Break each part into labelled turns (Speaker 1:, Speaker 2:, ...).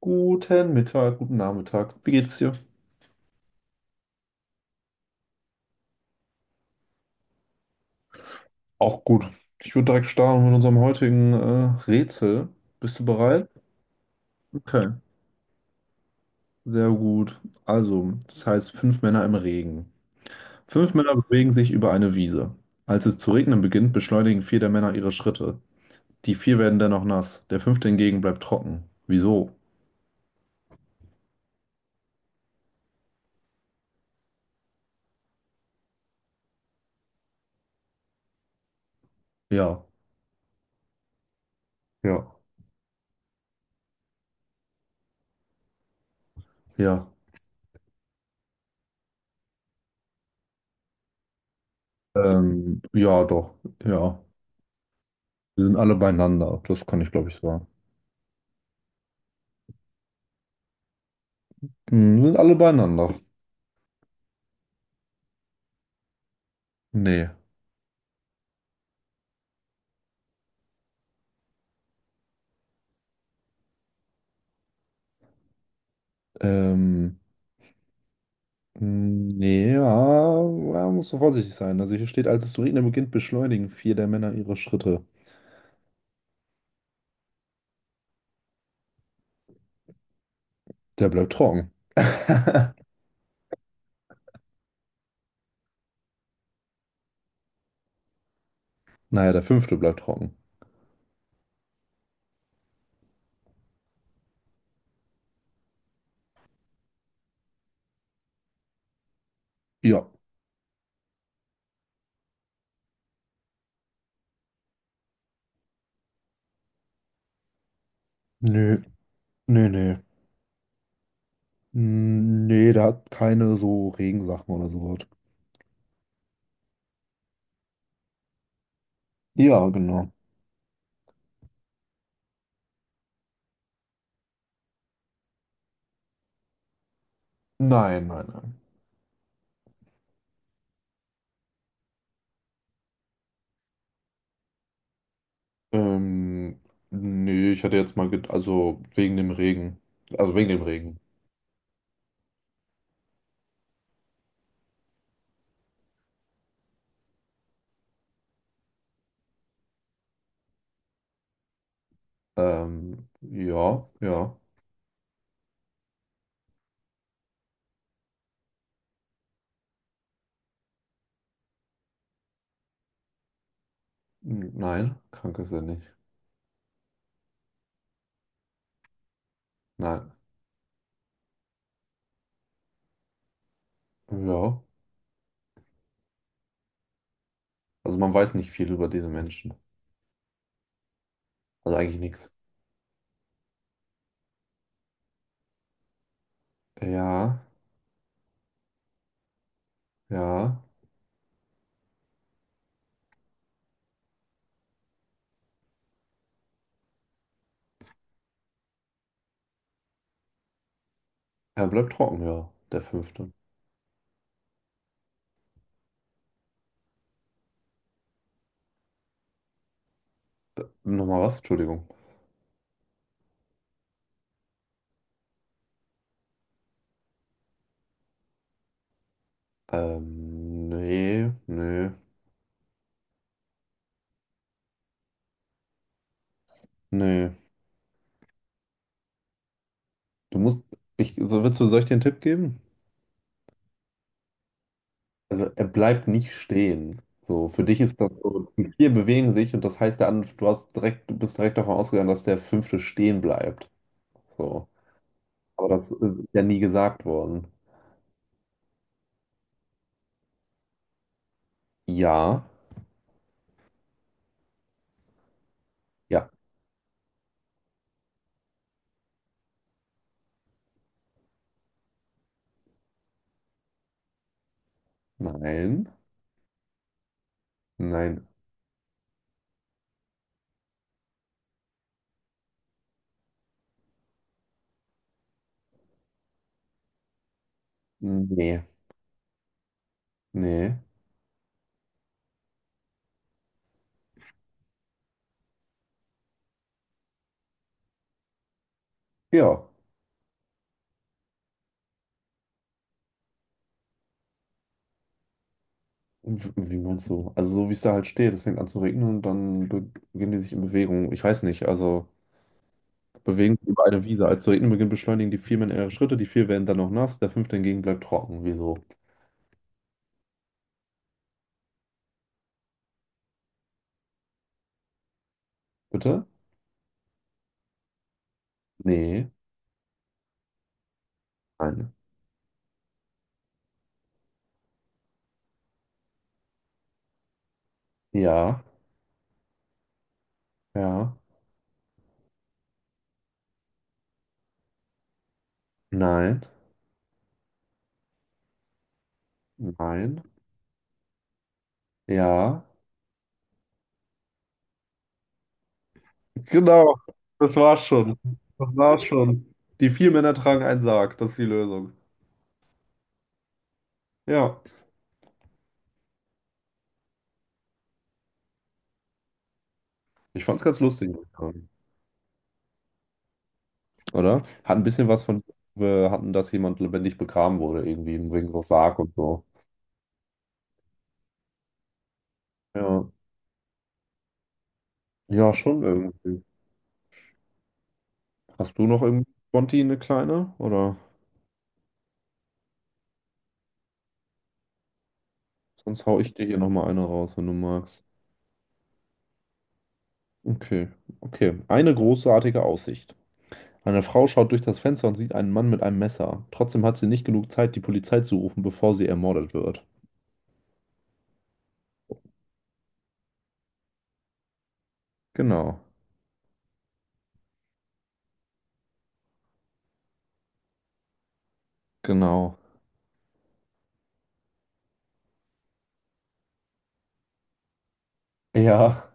Speaker 1: Guten Mittag, guten Nachmittag. Wie geht's dir? Auch gut. Ich würde direkt starten mit unserem heutigen Rätsel. Bist du bereit? Okay, sehr gut. Also, das heißt fünf Männer im Regen. Fünf Männer bewegen sich über eine Wiese. Als es zu regnen beginnt, beschleunigen vier der Männer ihre Schritte. Die vier werden dennoch nass. Der fünfte hingegen bleibt trocken. Wieso? Ja, ja, ja. Ja, doch, ja. Wir sind alle beieinander. Das kann ich, glaube ich, sagen. Hm, wir sind alle beieinander. Nee. Ähm, Nee, ja, ja, musst du vorsichtig sein. Also hier steht, als es zu regnen beginnt, beschleunigen vier der Männer ihre Schritte. Der bleibt trocken. Naja, der fünfte bleibt trocken. Ja. Nee, nee, nee. Mm, nee, der hat keine so Regensachen oder sowas. Ja, genau. Nein, nein, nein. Ähm, Nee, ich hatte jetzt mal, also wegen dem Regen. Also wegen dem Regen. Ja, ja. Nein, krank ist er nicht. Nein. Ja, also man weiß nicht viel über diese Menschen. Also eigentlich nichts. Ja, ja. Er bleibt trocken, ja, der fünfte. Nochmal was? Entschuldigung. Nee, nee, nee. Du musst, ich, so, willst du, Soll ich dir einen Tipp geben? Also er bleibt nicht stehen. So, für dich ist das so, die vier bewegen sich und das heißt, der andere, du bist direkt davon ausgegangen, dass der fünfte stehen bleibt. So. Aber das ist ja nie gesagt worden. Ja, ja, nein, nein, nee, nee. Ja, wie meinst du? Also so wie es da halt steht, es fängt an zu regnen und dann beginnen die sich in Bewegung. Ich weiß nicht, also bewegen sich über eine Wiese. Als zu regnen beginnt, beschleunigen die Viermen ihre Schritte, die vier werden dann noch nass, der fünfte hingegen bleibt trocken. Wieso? Bitte? Nee, nein. Ja, ja, nein, nein, ja. Genau, das war's schon. Das war's schon. Die vier Männer tragen einen Sarg, das ist die Lösung. Ja, ich fand's ganz lustig, oder? Hat ein bisschen was von, wir hatten, dass jemand lebendig begraben wurde, irgendwie wegen so Sarg und so. Ja, ja, schon irgendwie. Hast du noch irgendwie Sponti eine kleine? Oder sonst hau ich dir hier nochmal eine raus, wenn du magst. Okay, okay. Eine großartige Aussicht. Eine Frau schaut durch das Fenster und sieht einen Mann mit einem Messer. Trotzdem hat sie nicht genug Zeit, die Polizei zu rufen, bevor sie ermordet wird. Genau, genau. Ja,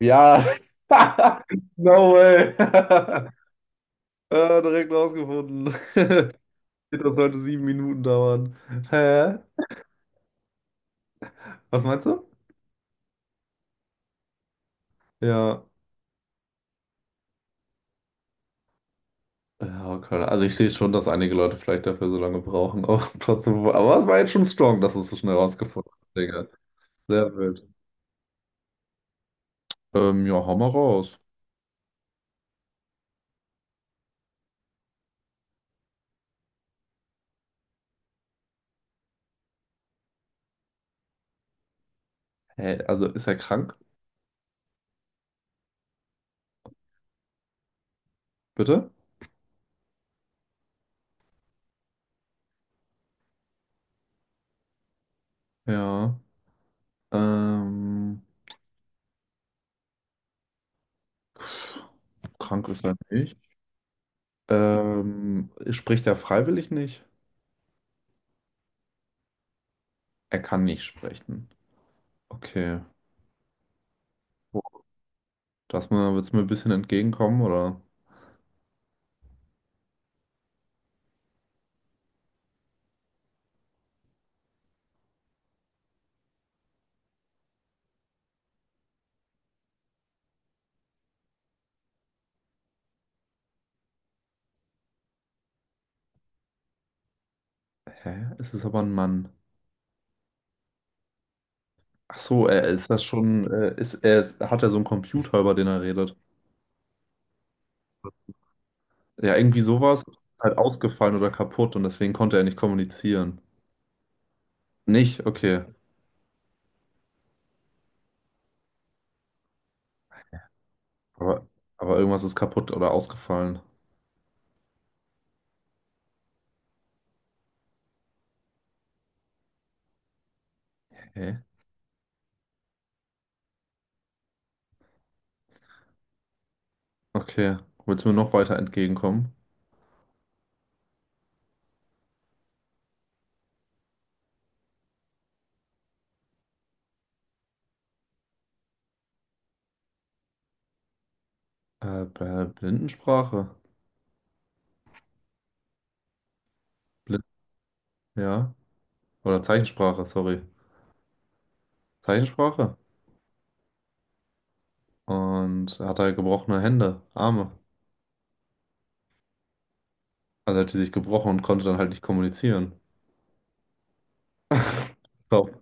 Speaker 1: ja. No way. Ah, direkt rausgefunden. Das sollte 7 Minuten dauern. Hä? Was meinst du? Ja. Ja, okay. Also ich sehe schon, dass einige Leute vielleicht dafür so lange brauchen, auch trotzdem. Aber es war jetzt schon strong, dass du es so schnell rausgefunden hast, Digga. Sehr wild. Ja, hau mal raus. Hä, also ist er krank? Bitte? Ja. Ähm, Krank ist er nicht. Spricht er freiwillig nicht? Er kann nicht sprechen. Okay. Das mal, willst du mir ein bisschen entgegenkommen, oder? Hä? Es ist aber ein Mann. Ach so, er ist das schon, hat er so einen Computer, über den er redet. Ja, irgendwie sowas ist halt ausgefallen oder kaputt und deswegen konnte er nicht kommunizieren. Nicht? Okay. Aber, aber irgendwas ist kaputt oder ausgefallen. Hä? Okay. Willst du mir noch weiter entgegenkommen? Bei Blindensprache. Blind, ja. Oder Zeichensprache, sorry. Zeichensprache. Und er hat halt gebrochene Hände, Arme. Also hat die sich gebrochen und konnte dann halt nicht kommunizieren. Glaub,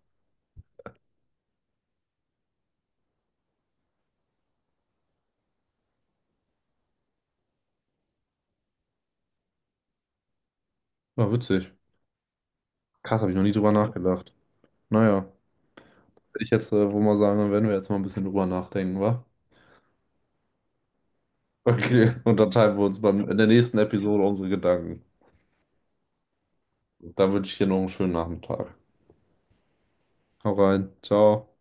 Speaker 1: war witzig. Krass, habe ich noch nie drüber nachgedacht. Naja, würde ich jetzt wohl mal sagen, dann werden wir jetzt mal ein bisschen drüber nachdenken, wa? Okay, und dann teilen wir uns in der nächsten Episode unsere Gedanken. Da wünsche ich dir noch einen schönen Nachmittag. Hau rein, ciao.